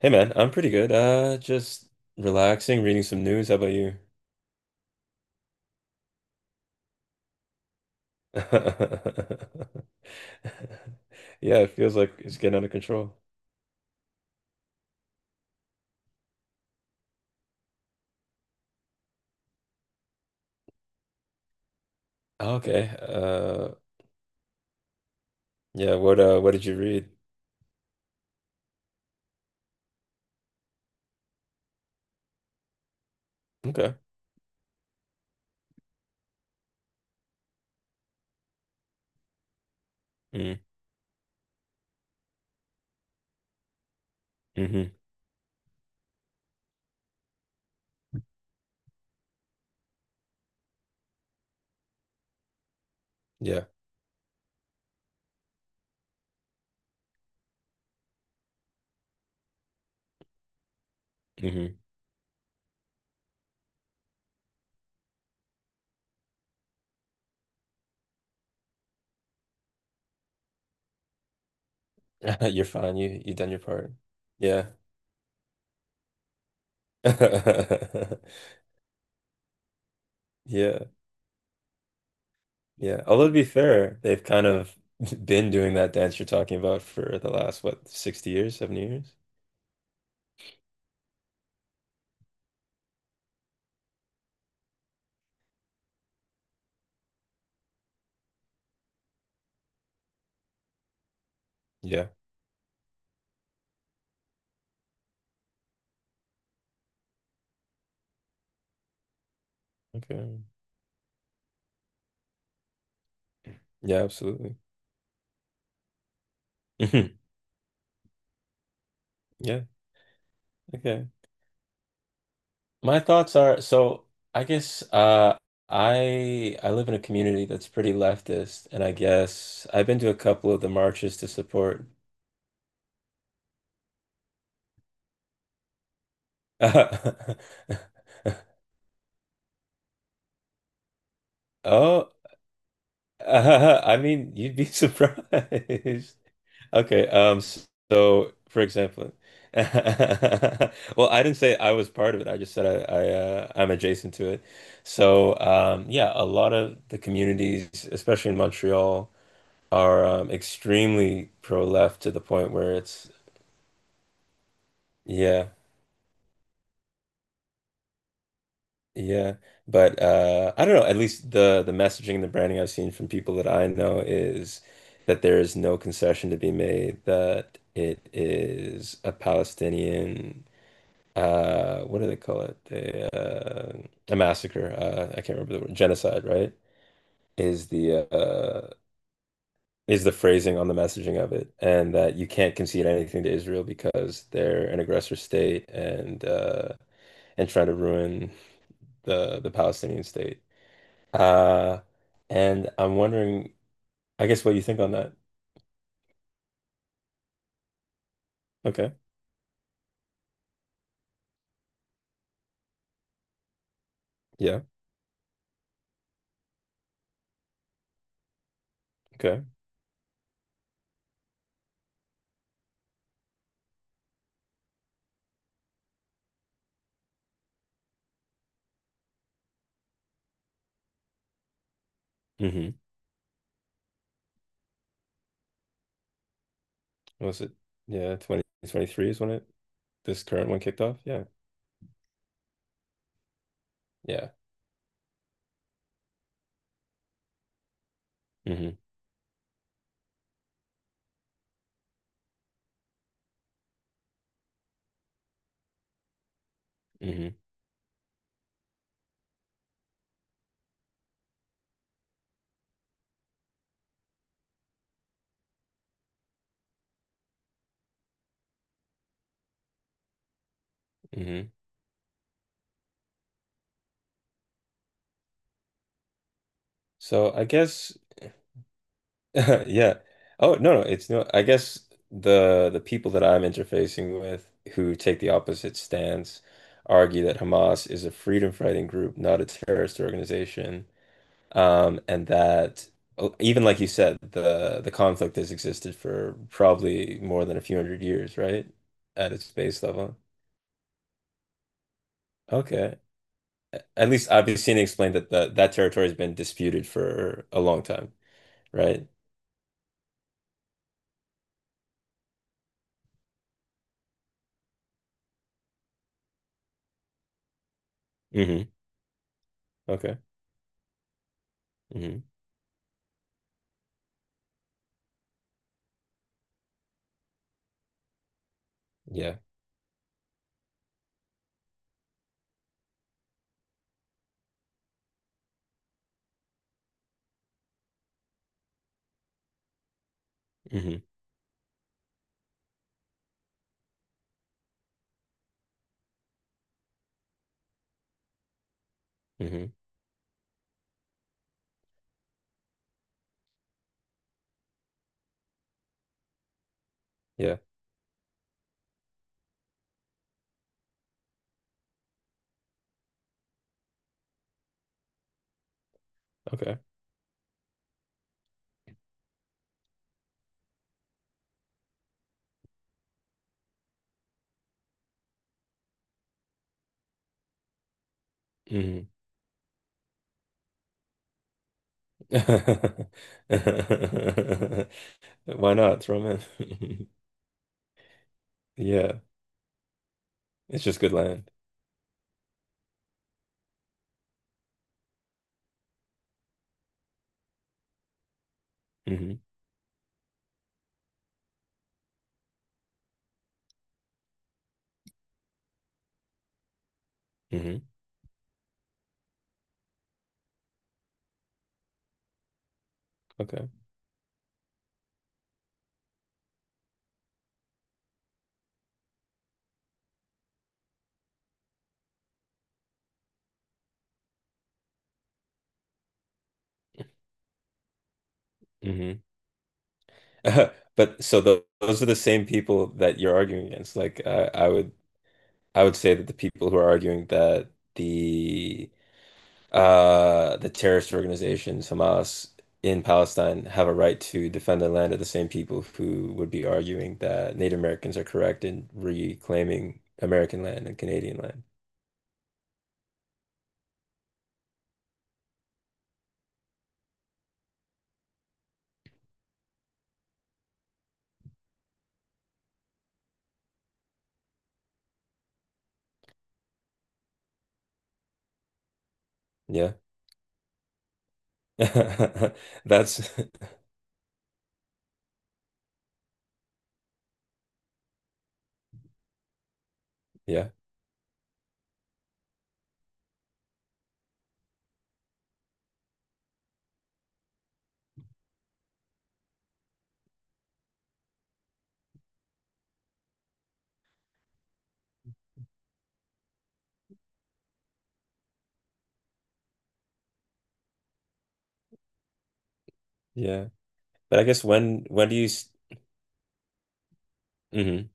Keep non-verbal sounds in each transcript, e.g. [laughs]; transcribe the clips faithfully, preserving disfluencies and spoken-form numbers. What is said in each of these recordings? Hey man, I'm pretty good. Uh, just relaxing, reading some news. How about you? [laughs] Yeah, it feels like it's getting out of control. Okay. Uh, yeah. What uh, what did you read? Okay. Mm, hmm. Yeah. Hmm. [laughs] You're fine. You you done your part. Yeah. [laughs] Yeah. Yeah. Although to be fair, they've kind of [laughs] been doing that dance you're talking about for the last what, sixty years, seventy years? Yeah. Okay. Yeah, absolutely. [laughs] Yeah. Okay. My thoughts are, so I guess uh I I live in a community that's pretty leftist, and I guess I've been to a couple of the marches to support. [laughs] Oh. [laughs] I mean, you'd be surprised. [laughs] Okay, um s- so for example, [laughs] well, I didn't say I was part of it. I just said I, I uh, I'm adjacent to it. So, um yeah, a lot of the communities, especially in Montreal, are um, extremely pro-left to the point where it's. Yeah, yeah. But uh, I don't know. At least the the messaging and the branding I've seen from people that I know is that there is no concession to be made. That it is a Palestinian. Uh, what do they call it? They, uh, a massacre. Uh, I can't remember the word. Genocide, right? Is the uh, is the phrasing on the messaging of it, and that you can't concede anything to Israel because they're an aggressor state, and uh, and trying to ruin the the Palestinian state. Uh, and I'm wondering, I guess, what you think on that. Okay, yeah, okay. Mm-hmm. Was it? Yeah, twenty twenty-three is when it this current one kicked off. Yeah, yeah. Mm-hmm. Mm-hmm. Mm-hmm. So I guess. [laughs] Yeah. Oh, no, no, it's no. I guess the the people that I'm interfacing with, who take the opposite stance, argue that Hamas is a freedom fighting group, not a terrorist organization. Um, and that, oh, even like you said, the the conflict has existed for probably more than a few hundred years, right? At its base level. Okay. A- At least I've seen it explained that the, that territory has been disputed for a long time, right? Hmm. Okay. Hmm. Yeah. Mm-hmm. Yeah. Okay. Mhm. [laughs] Why not? Throw 'em in. [laughs] Yeah. It's just good land. Hmm. Hmm. Okay. Hmm. [laughs] But so tho- those are the same people that you're arguing against. Like I, I would I would say that the people who are arguing that the uh, the terrorist organizations, Hamas, in Palestine have a right to defend the land of the same people who would be arguing that Native Americans are correct in reclaiming American land and Canadian land. Yeah. [laughs] That's. [laughs] Yeah, yeah. But I guess when when do you? s- Mhm.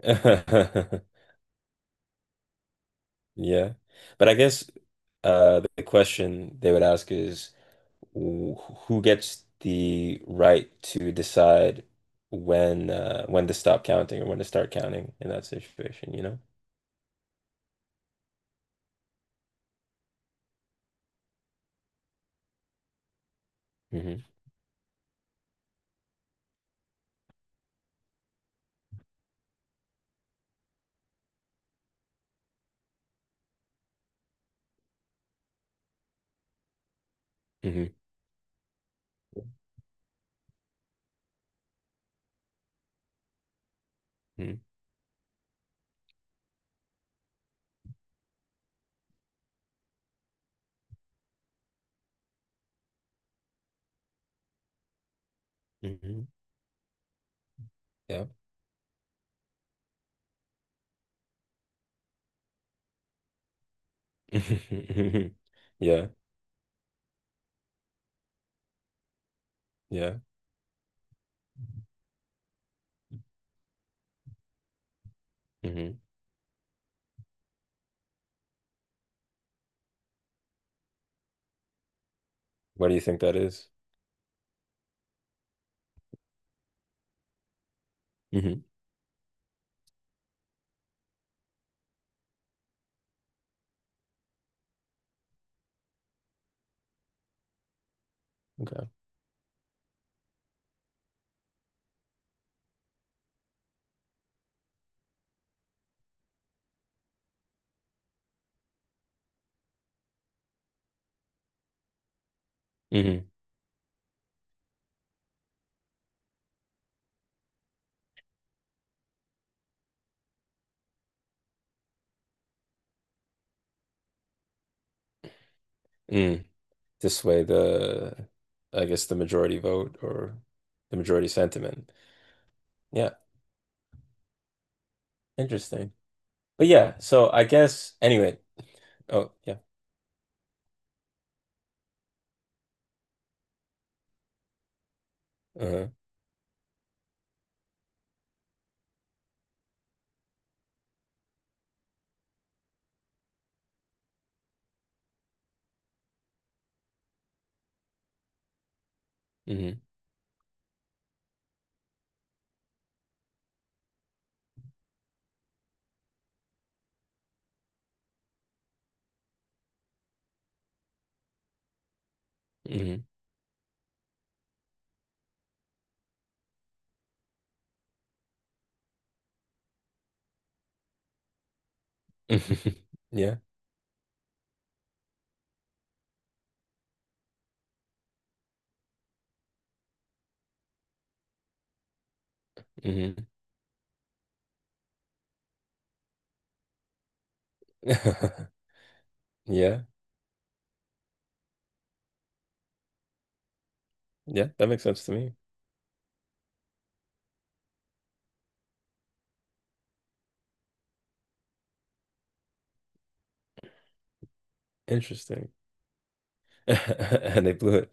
[laughs] Yeah. But I guess uh, the question they would ask is, wh- who gets the right to decide when uh, when to stop counting or when to start counting in that situation, you know? Hmm. Hmm. Hmm. Yeah. [laughs] Yeah. Yeah. Hmm. What do you think that is? Mhm. Okay. Hmm. Mm. To sway the, I guess, the majority vote or the majority sentiment. Yeah. Interesting. But yeah, so I guess anyway. Oh yeah. Uh-huh. Mm-hmm. Mm-hmm. [laughs] Yeah. Mm-hmm. [laughs] Yeah. Yeah. That makes sense to me. Interesting. [laughs] And they blew it.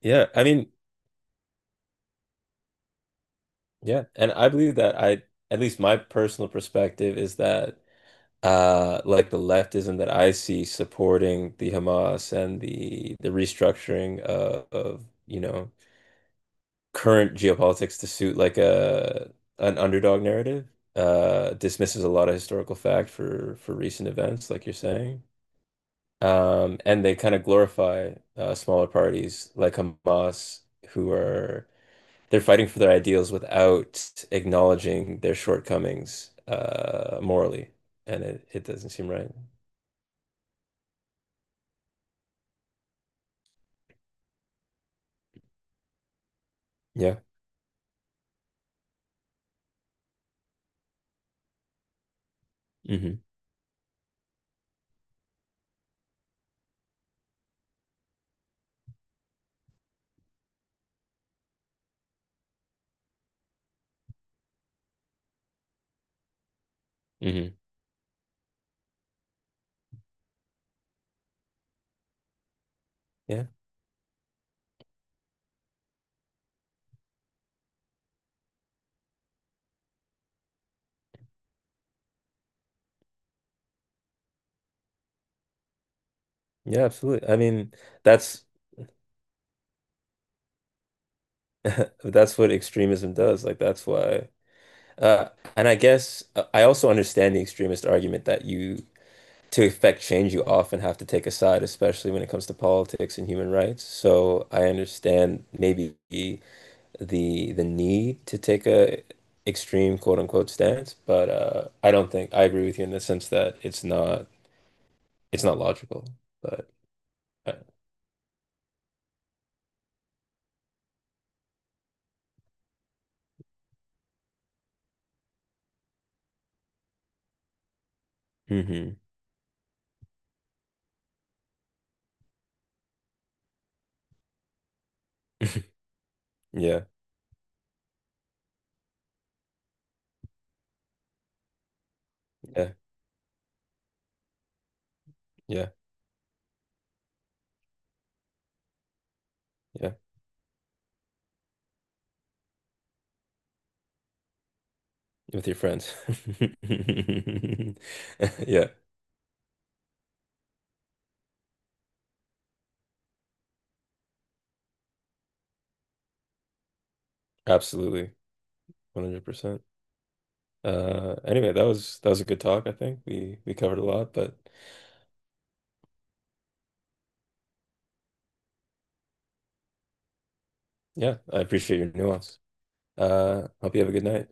Yeah. I mean, yeah. And I believe that I, at least my personal perspective is that uh like the leftism that I see supporting the Hamas and the the restructuring of, of you know current geopolitics, to suit like a an underdog narrative. Uh, dismisses a lot of historical fact for for recent events, like you're saying. Um, and they kind of glorify uh, smaller parties like Hamas, who are they're fighting for their ideals without acknowledging their shortcomings, uh, morally, and it, it doesn't seem right. Yeah. Hmm. Hmm. Yeah. Yeah. Absolutely. I mean, that's, [laughs] that's what extremism does. Like that's why. Uh, and I guess uh, I also understand the extremist argument that, you, to effect change, you often have to take a side, especially when it comes to politics and human rights. So I understand maybe the the need to take a extreme quote unquote stance, but uh, I don't think I agree with you in the sense that it's not it's not logical. But uh, hmm. [laughs] Yeah, yeah, yeah, yeah. With your friends. [laughs] Yeah, absolutely. one hundred percent. Uh, anyway, that was that was a good talk, I think. We we covered a lot, but yeah, I appreciate your nuance. Uh, hope you have a good night.